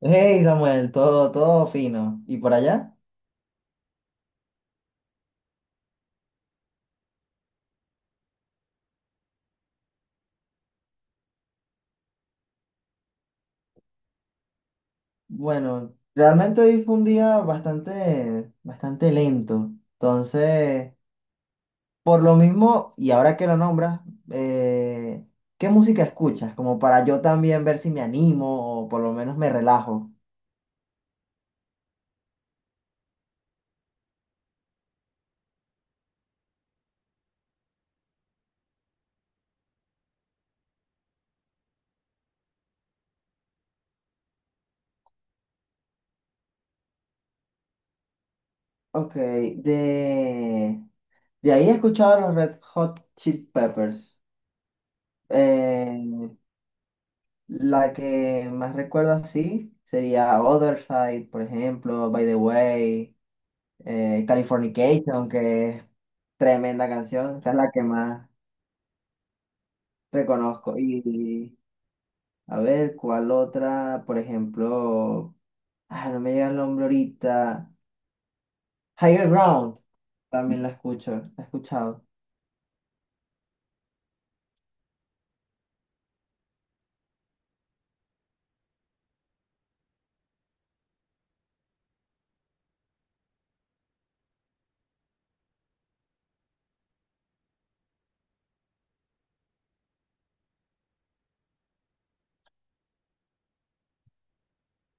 Hey Samuel, todo fino. ¿Y por allá? Bueno, realmente hoy fue un día bastante, bastante lento. Entonces, por lo mismo, y ahora que lo nombras, eh, ¿qué música escuchas? Como para yo también ver si me animo o por lo menos me relajo. Ok, de ahí he escuchado a los Red Hot Chili Peppers. Eh, la que más recuerdo así sería Other Side, por ejemplo, By the Way. Californication, que es tremenda canción, esa es la que más reconozco. Y a ver, ¿cuál otra? Por ejemplo, ah, no me llega el nombre ahorita. Higher Ground, también la escucho, la he escuchado.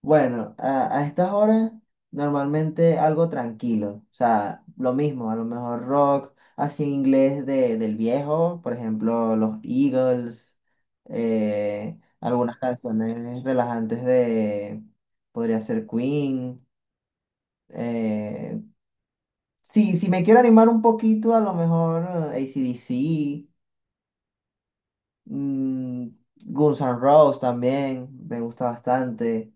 Bueno, a estas horas normalmente algo tranquilo, o sea, lo mismo, a lo mejor rock, así en inglés del viejo, por ejemplo, los Eagles, algunas canciones relajantes podría ser Queen, eh, sí, si me quiero animar un poquito, a lo mejor AC/DC, mm, Guns N' Roses también, me gusta bastante.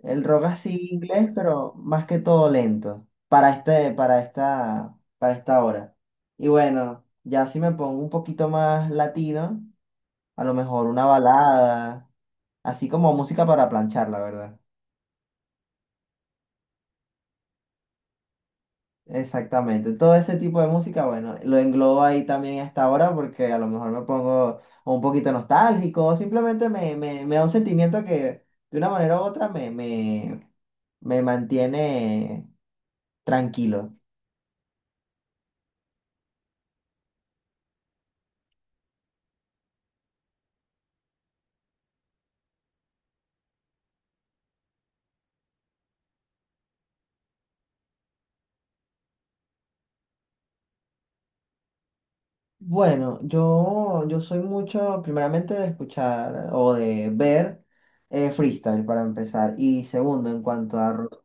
El rock así inglés, pero más que todo lento. Para esta hora. Y bueno, ya si me pongo un poquito más latino, a lo mejor una balada, así como música para planchar, la verdad. Exactamente. Todo ese tipo de música, bueno, lo englobo ahí también a esta hora porque a lo mejor me pongo un poquito nostálgico, o simplemente me da un sentimiento que de una manera u otra me mantiene tranquilo. Bueno, yo soy mucho, primeramente, de escuchar o de ver freestyle para empezar. Y segundo, en cuanto a rock,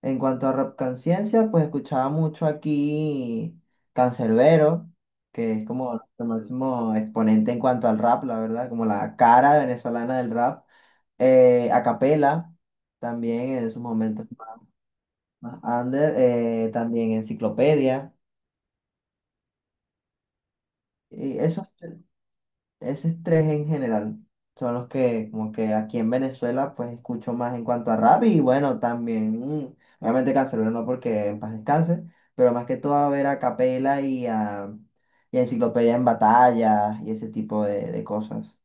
en cuanto a rap conciencia, pues escuchaba mucho aquí Canserbero, que es como el máximo exponente en cuanto al rap, la verdad, como la cara venezolana del rap. A capela, también en sus momentos más under, también Enciclopedia. Y eso. Esos tres en general son los que como que aquí en Venezuela pues escucho más en cuanto a rap y bueno también obviamente Canserbero no porque en paz descanse, pero más que todo a ver a Capela y a Enciclopedia en batallas y ese tipo de cosas.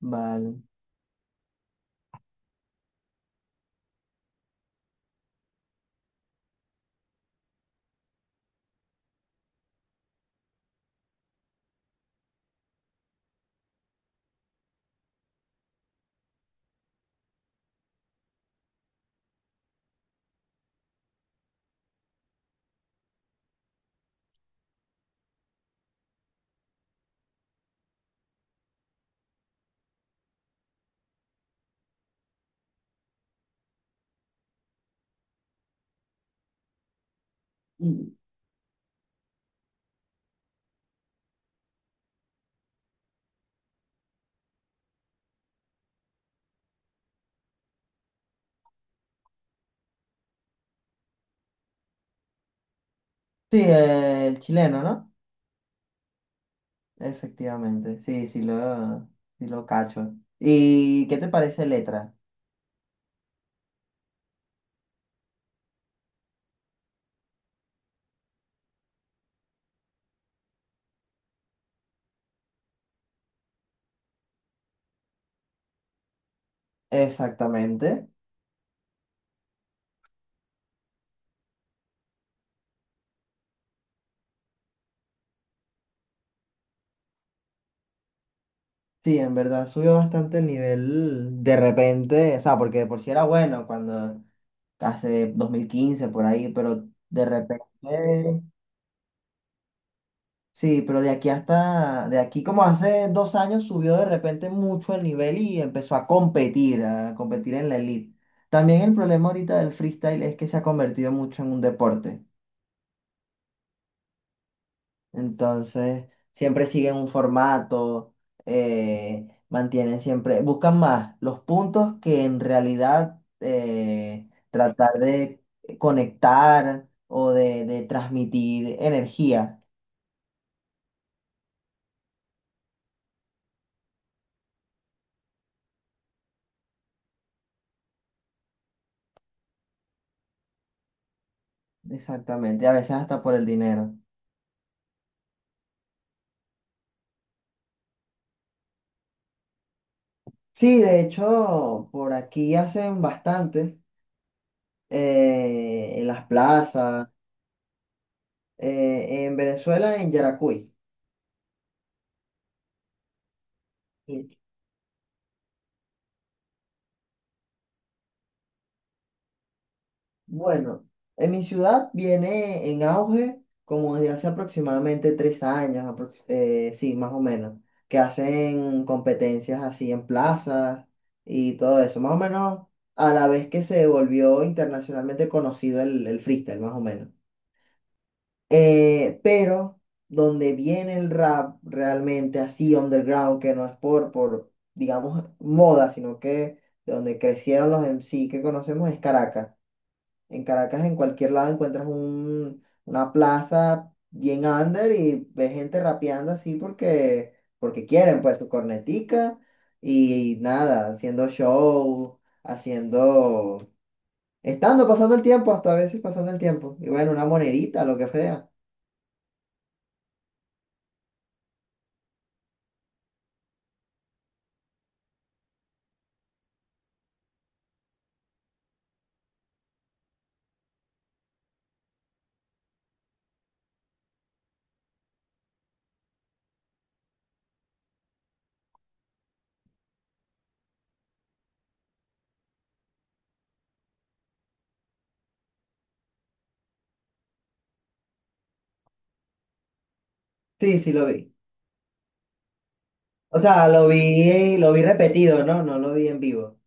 Vale. Y, sí, el chileno, ¿no? Efectivamente, sí, sí lo cacho. ¿Y qué te parece letra? Exactamente. Sí, en verdad subió bastante el nivel de repente, o sea, porque de por sí era bueno cuando hace 2015 por ahí, pero de repente, sí, pero de aquí como hace 2 años subió de repente mucho el nivel y empezó a competir en la elite. También el problema ahorita del freestyle es que se ha convertido mucho en un deporte. Entonces, siempre siguen un formato, mantienen siempre, buscan más los puntos que en realidad tratar de conectar o de transmitir energía. Exactamente, a veces hasta por el dinero. Sí, de hecho, por aquí hacen bastante, en las plazas, en Venezuela, en Yaracuy. Bueno, en mi ciudad viene en auge como desde hace aproximadamente 3 años, sí, más o menos, que hacen competencias así en plazas y todo eso, más o menos a la vez que se volvió internacionalmente conocido el freestyle, más o menos. Pero donde viene el rap realmente así underground, que no es por, digamos, moda, sino que de donde crecieron los MC que conocemos es Caracas. En Caracas, en cualquier lado encuentras una plaza bien under y ves gente rapeando así porque quieren, pues su cornetica y, nada, haciendo show, haciendo, estando, pasando el tiempo, hasta a veces pasando el tiempo. Y bueno, una monedita, lo que sea. Sí, sí lo vi. O sea, lo vi repetido, ¿no? No lo vi en vivo.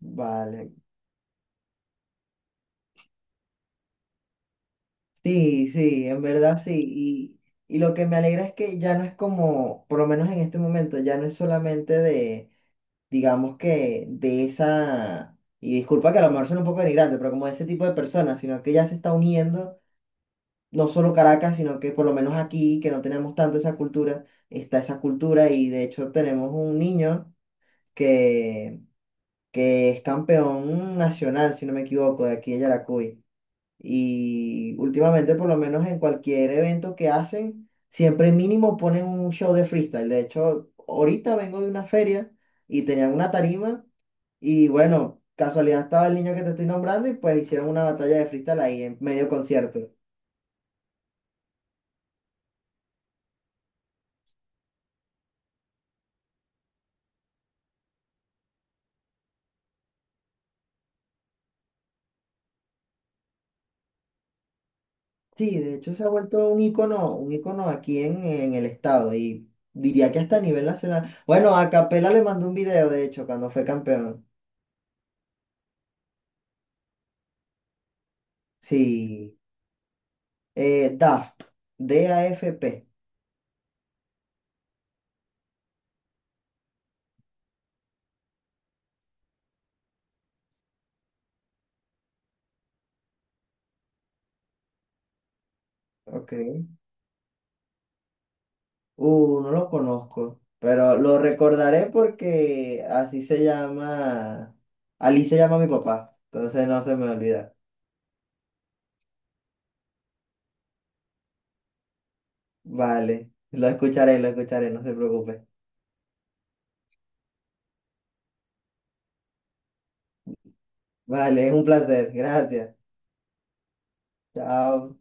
Vale. Sí, sí, en verdad sí. Y lo que me alegra es que ya no es como, por lo menos en este momento, ya no es solamente de, digamos que de esa, y disculpa que a lo mejor suena un poco denigrante, pero como de ese tipo de personas, sino que ya se está uniendo, no solo Caracas, sino que por lo menos aquí, que no tenemos tanto esa cultura, está esa cultura y de hecho tenemos un niño que, que es campeón nacional, si no me equivoco, de aquí de Yaracuy. Y últimamente, por lo menos en cualquier evento que hacen, siempre mínimo ponen un show de freestyle. De hecho, ahorita vengo de una feria y tenían una tarima y bueno, casualidad estaba el niño que te estoy nombrando y pues hicieron una batalla de freestyle ahí en medio concierto. Sí, de hecho se ha vuelto un ícono aquí en el estado y diría que hasta a nivel nacional. Bueno, a Capela le mandó un video, de hecho, cuando fue campeón. Sí, DAFP, DAFP. Ok. No lo conozco, pero lo recordaré porque así se llama, Ali se llama mi papá, entonces no se me olvida. Vale, lo escucharé, no se preocupe. Vale, es un placer, gracias. Chao.